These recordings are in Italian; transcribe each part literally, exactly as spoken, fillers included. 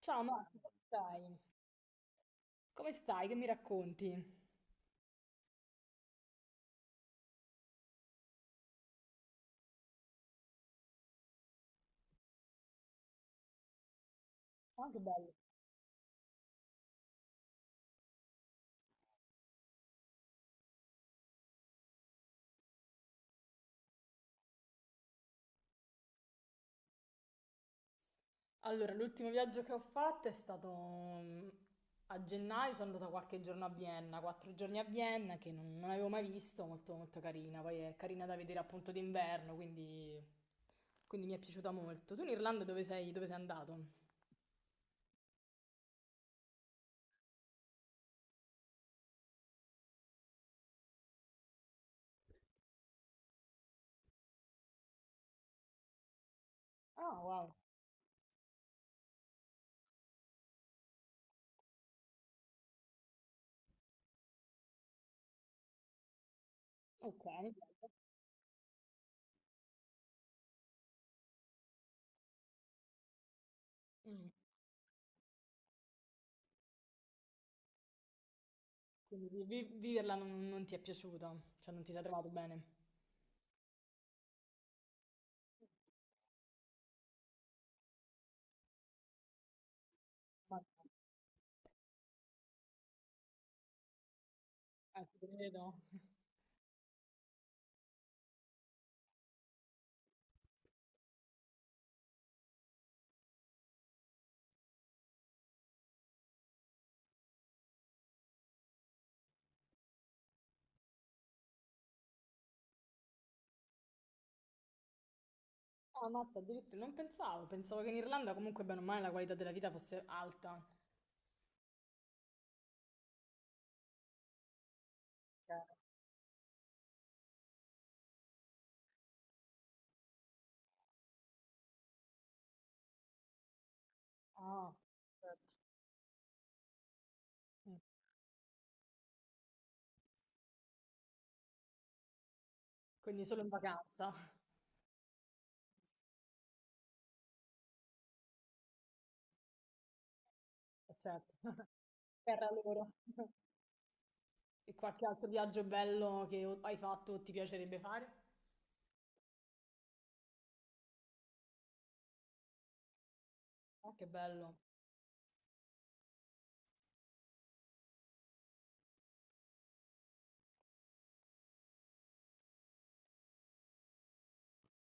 Ciao Marco, come stai? Come stai? Che mi racconti? Ah, che bello. Allora, l'ultimo viaggio che ho fatto è stato mm, a gennaio, sono andata qualche giorno a Vienna, quattro giorni a Vienna che non, non avevo mai visto, molto molto carina, poi è carina da vedere appunto d'inverno, quindi, quindi mi è piaciuta molto. Tu in Irlanda dove sei, dove sei andato? Ah, wow, ok. Mm, quindi vi- vi- viverla non, non ti è piaciuta, cioè non ti sei trovato bene? Ma no, eh, ti credo. Ah, ammazza, addirittura non pensavo, pensavo che in Irlanda comunque bene o male la qualità della vita fosse alta. Chiaro. Ah, certo. Mm. Quindi solo in vacanza. Eh, certo. Terra loro. E qualche altro viaggio bello che o- hai fatto o ti piacerebbe fare? Ah, che bello,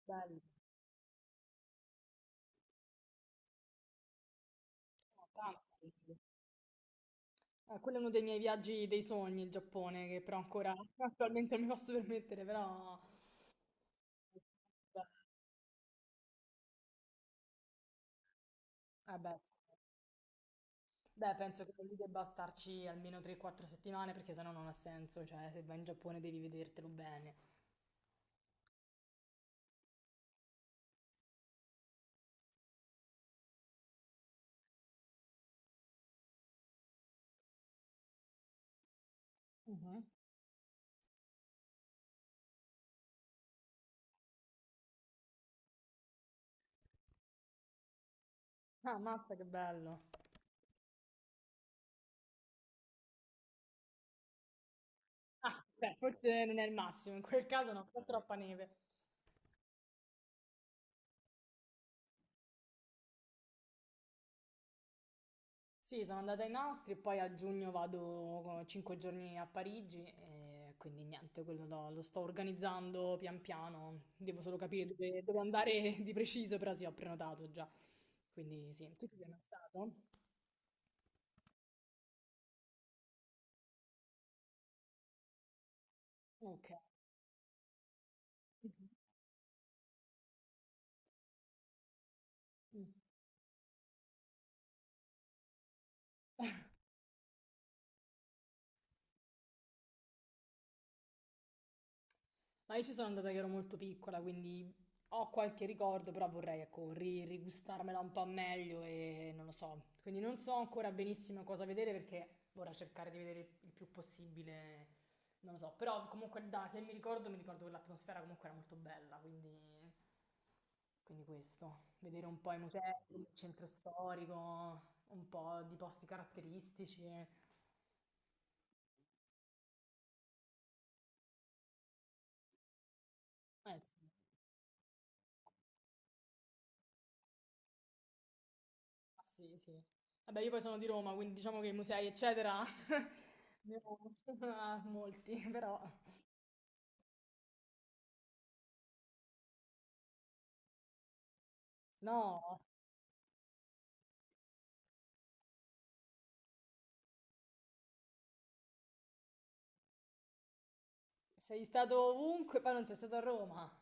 bello. Ah, tanto. Eh, quello è uno dei miei viaggi dei sogni, il Giappone, che però ancora attualmente non mi posso permettere, però... Beh, eh beh. Beh, penso che lì debba starci almeno tre o quattro settimane perché sennò non ha senso, cioè se vai in Giappone devi vedertelo bene. Mhm. Ah, mazza, che bello. Ah, beh, forse non è il massimo, in quel caso no, fa troppa neve. Sì, sono andata in Austria e poi a giugno vado cinque giorni a Parigi e quindi niente, quello lo, lo sto organizzando pian piano, devo solo capire dove, dove andare di preciso, però sì, ho prenotato già. Quindi sì, tu ci sei mai stato? Ok. Mhm. Ma io ci sono andata che ero molto piccola, quindi ho qualche ricordo, però vorrei, ecco, ri- rigustarmela un po' meglio e non lo so. Quindi non so ancora benissimo cosa vedere perché vorrei cercare di vedere il più possibile, non lo so. Però comunque da che mi ricordo, mi ricordo che l'atmosfera comunque era molto bella, quindi, quindi questo. Vedere un po' i musei, il centro storico, un po' di posti caratteristici. Eh sì. Ah, sì, sì. Vabbè, io poi sono di Roma, quindi diciamo che i musei, eccetera, ne ho ah, molti, però no, sei stato ovunque, poi non sei stato a Roma.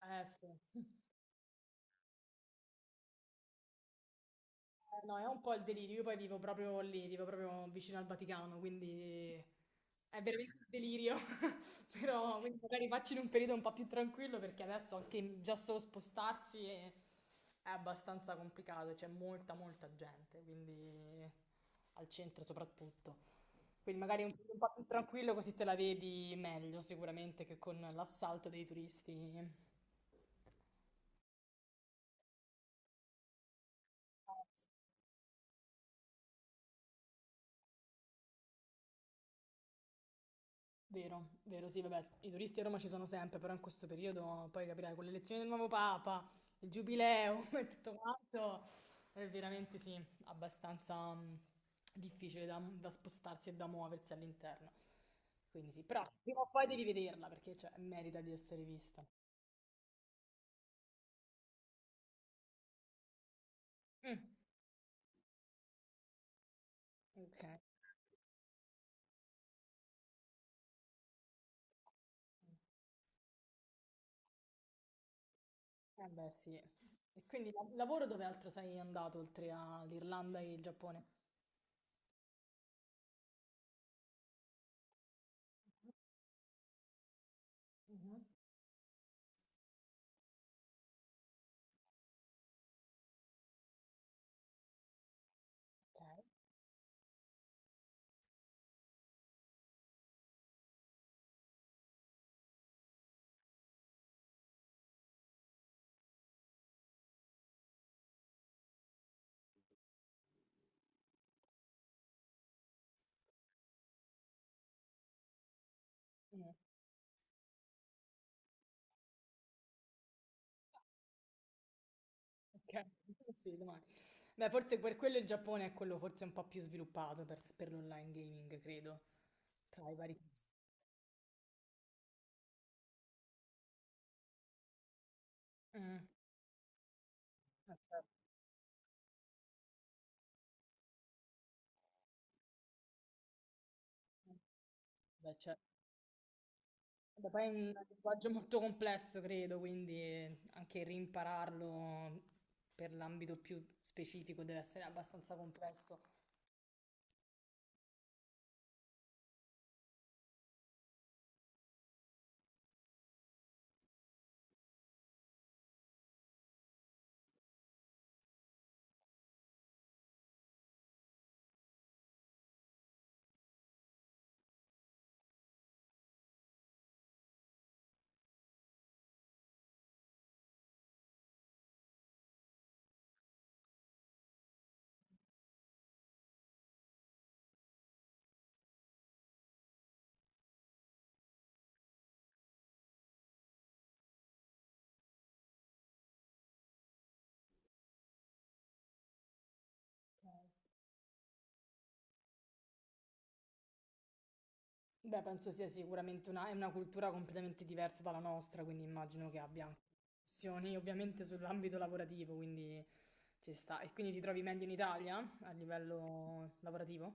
Eh sì. Eh, no, è un po' il delirio. Io poi vivo proprio lì, vivo proprio vicino al Vaticano, quindi è veramente un delirio. Però quindi magari facci in un periodo un po' più tranquillo perché adesso anche già solo spostarsi è, è abbastanza complicato, c'è molta molta gente, quindi al centro soprattutto. Quindi magari un periodo un po' più tranquillo così te la vedi meglio sicuramente che con l'assalto dei turisti. Vero, vero, sì, vabbè, i turisti a Roma ci sono sempre, però in questo periodo poi capirai con l'elezione del nuovo Papa, il giubileo e tutto quanto, è veramente sì, abbastanza mh, difficile da, da spostarsi e da muoversi all'interno. Quindi sì, però prima o poi devi vederla perché cioè, merita di essere vista. Mm, ok, eh beh sì. E quindi la- lavoro dove altro sei andato oltre all'Irlanda e il Giappone? Mhm, ok. Mm. Ok, sì, domani. Beh, forse per quello il Giappone è quello forse un po' più sviluppato per, per l'online gaming, credo, tra i vari... Mm, eh, certo. Beh, certo. Vabbè, poi è un linguaggio molto complesso, credo, quindi anche rimpararlo per l'ambito più specifico deve essere abbastanza complesso. Beh, penso sia sicuramente una, è una cultura completamente diversa dalla nostra, quindi immagino che abbia anche discussioni ovviamente sull'ambito lavorativo, quindi ci sta. E quindi ti trovi meglio in Italia a livello lavorativo?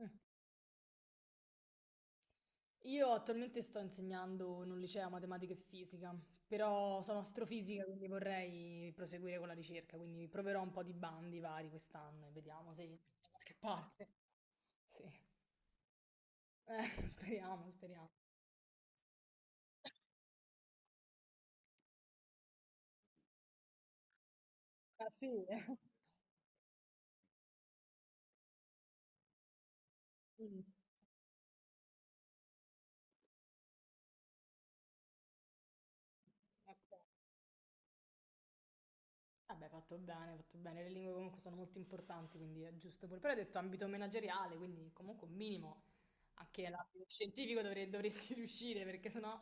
Mm. Io attualmente sto insegnando in un liceo matematica e fisica, però sono astrofisica, quindi vorrei proseguire con la ricerca, quindi proverò un po' di bandi vari quest'anno e vediamo se da qualche parte. Sì, eh, speriamo, speriamo. Ah sì? Mm. Ok. Vabbè, fatto bene, fatto bene. Le lingue comunque sono molto importanti, quindi è giusto pure. Però hai detto ambito manageriale, quindi comunque un minimo anche nell'ambito scientifico dovrei- dovresti riuscire, perché sennò...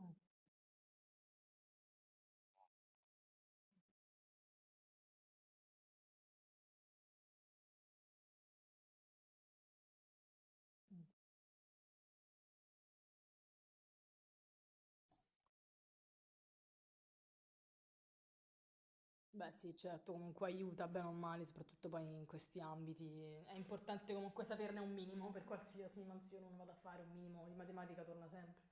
Mm, mm. Beh sì, certo, comunque aiuta bene o male, soprattutto poi in questi ambiti. È importante comunque saperne un minimo per qualsiasi mansione uno vada a fare, un minimo di matematica torna sempre.